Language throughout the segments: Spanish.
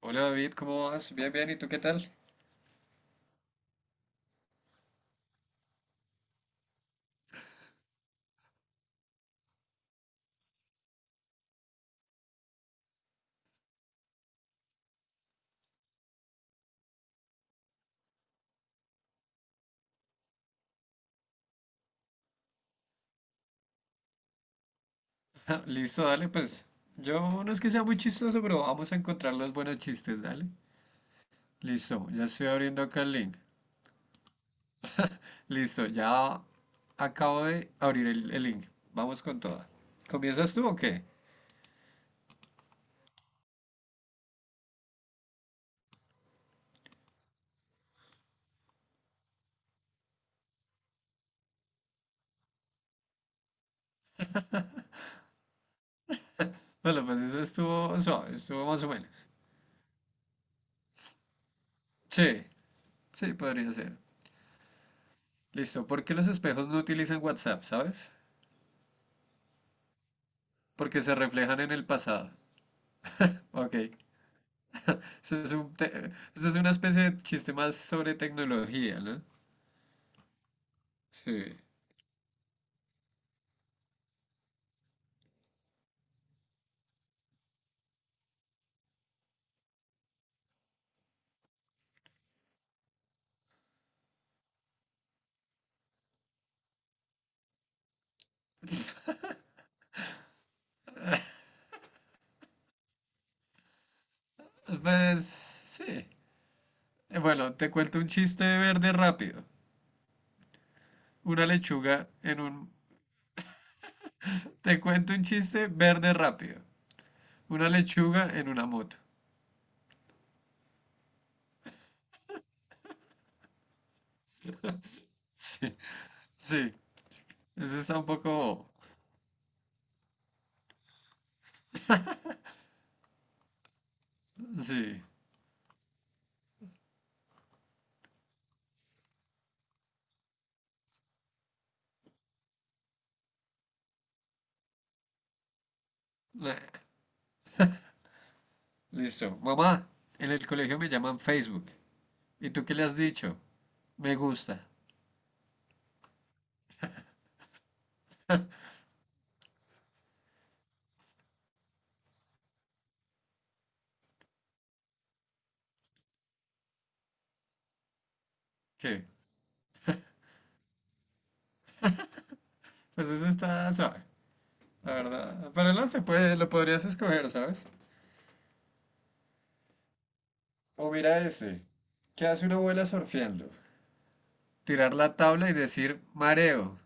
Hola David, ¿cómo vas? Bien, bien, ¿y tú qué tal? Listo, dale, pues yo no es que sea muy chistoso, pero vamos a encontrar los buenos chistes, dale. Listo, ya estoy abriendo acá el link. Listo, ya acabo de abrir el link. Vamos con toda. ¿Comienzas tú o qué? Bueno, pues eso estuvo suave, estuvo más o menos. Sí, sí, podría ser. Listo, ¿por qué los espejos no utilizan WhatsApp, sabes? Porque se reflejan en el pasado. Ok, eso es eso es una especie de chiste más sobre tecnología, ¿no? Sí. Pues sí. Bueno, te cuento un chiste verde rápido. Una lechuga en un... Te cuento un chiste verde rápido. Una lechuga en una moto. Sí, sí. Ese está un poco bobo. Sí. Nah, listo. Mamá, en el colegio me llaman Facebook. ¿Y tú qué le has dicho? Me gusta. ¿Qué? Pues ese está suave, la verdad. Pero no se puede, lo podrías escoger, ¿sabes? O mira ese. ¿Qué hace una abuela surfeando? Tirar la tabla y decir mareo.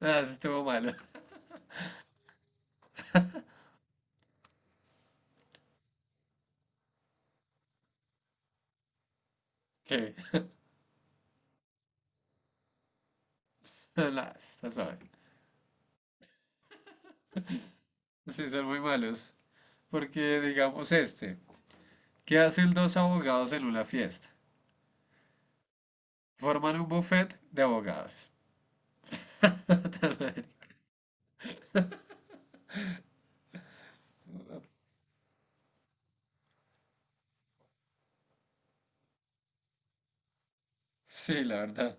Ah, eso estuvo malo. Que, nah, está suave. Sí, son muy malos. Porque digamos este, ¿qué hacen dos abogados en una fiesta? Forman un buffet de abogados. Tan mal. Sí, la verdad.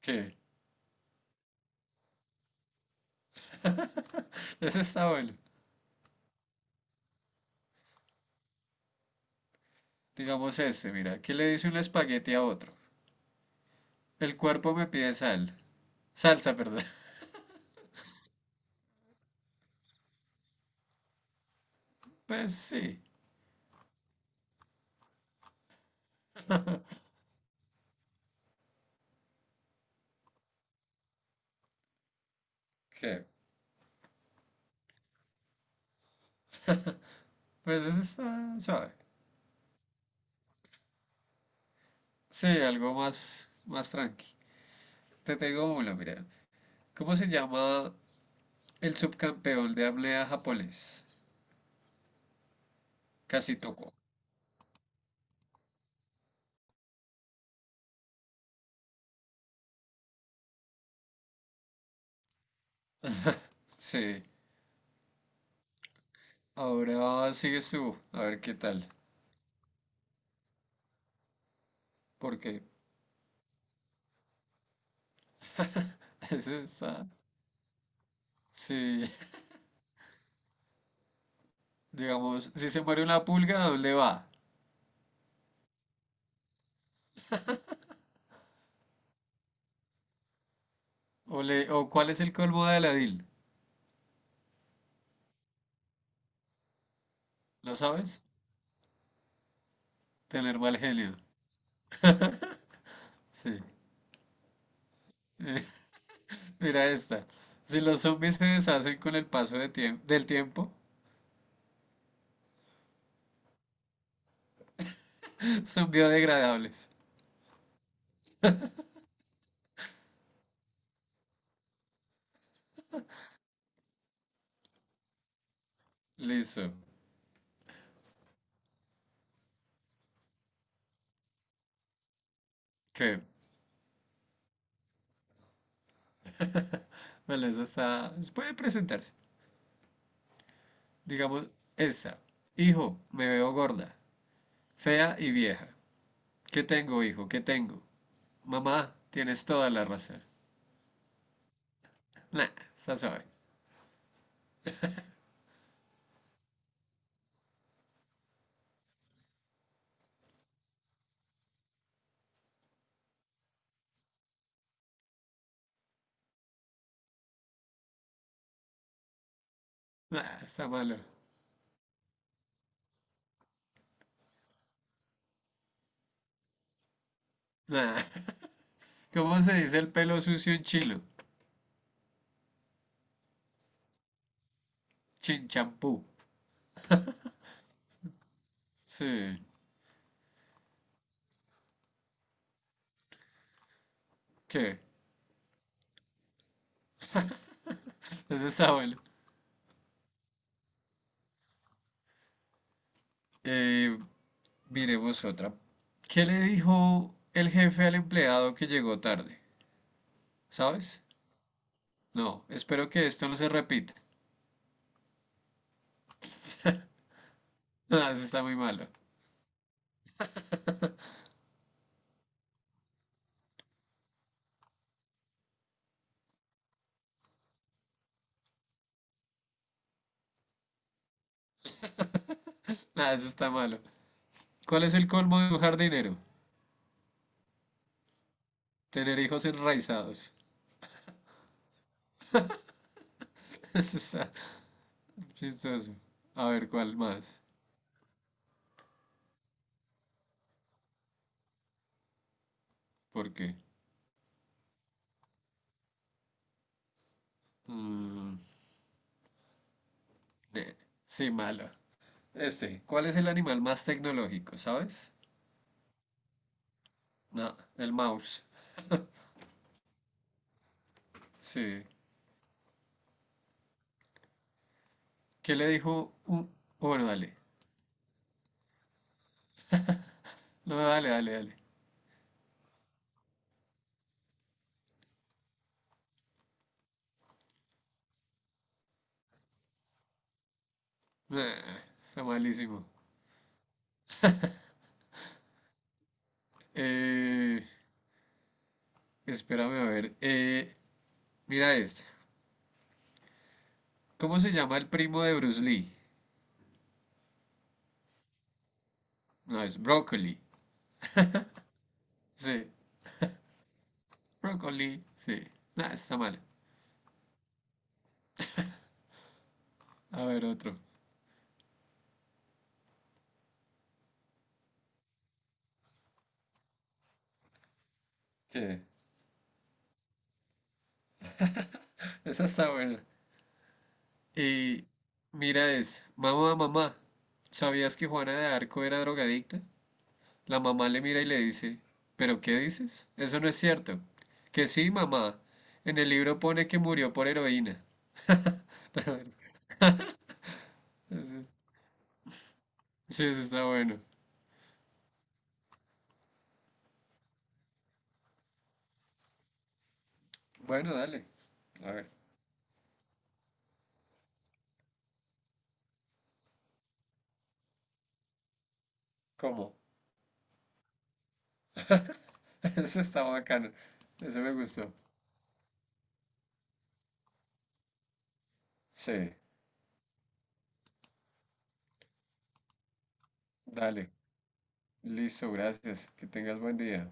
Qué, ese está bueno. Digamos este, mira, ¿qué le dice un espagueti a otro? El cuerpo me pide sal. Salsa, perdón. Pues sí. ¿Qué? Pues ese está suave. Sí, algo más, más tranqui. Te tengo uno, mira. ¿Cómo se llama el subcampeón de apnea japonés? Kasitoko. Sí. Ahora sigues tú. A ver qué tal. Porque ese está. Sí. Digamos, si se muere una pulga, ¿a dónde va? ¿O, o cuál es el colmo de Aladín? ¿Lo sabes? Tener mal genio. Sí. Eh, Mira esta. Si los zombies se deshacen con el paso del tiempo, son biodegradables. Listo. ¿Qué? Bueno, eso está. Puede presentarse. Digamos, esta. Hijo, me veo gorda, fea y vieja. ¿Qué tengo, hijo? ¿Qué tengo? Mamá, tienes toda la razón. Nah, está suave. Nah, está malo. Nah. ¿Cómo se dice el pelo sucio en chilo? Chinchampú. Sí. ¿Qué? Eso está bueno. Eh, miremos otra. ¿Qué le dijo el jefe al empleado que llegó tarde? ¿Sabes? No, espero que esto no se repita. Nah, eso está muy malo. Nah, eso está malo. ¿Cuál es el colmo de un jardinero? Tener hijos enraizados. Eso está chistoso. A ver, ¿cuál más? ¿Por qué? Mm, eh, sí, malo. Este, ¿cuál es el animal más tecnológico, sabes? No, el mouse. Sí. ¿Qué le dijo un... oh, bueno, dale. No, dale, dale, dale. Nah, está malísimo. Eh, espérame a ver. Mira esta. ¿Cómo se llama el primo de Bruce Lee? No, es Broccoli. Sí. Broccoli, sí. Nah, está mal. A ver, otro. ¿Qué? Esa está buena. Y mira es, mamá, mamá, ¿sabías que Juana de Arco era drogadicta? La mamá le mira y le dice, ¿pero qué dices? Eso no es cierto. Que sí, mamá. En el libro pone que murió por heroína. A ver, ese... Sí, eso está bueno. Bueno, dale. A ver. ¿Cómo? Eso está bacano. Eso me gustó. Sí. Dale. Listo, gracias. Que tengas buen día.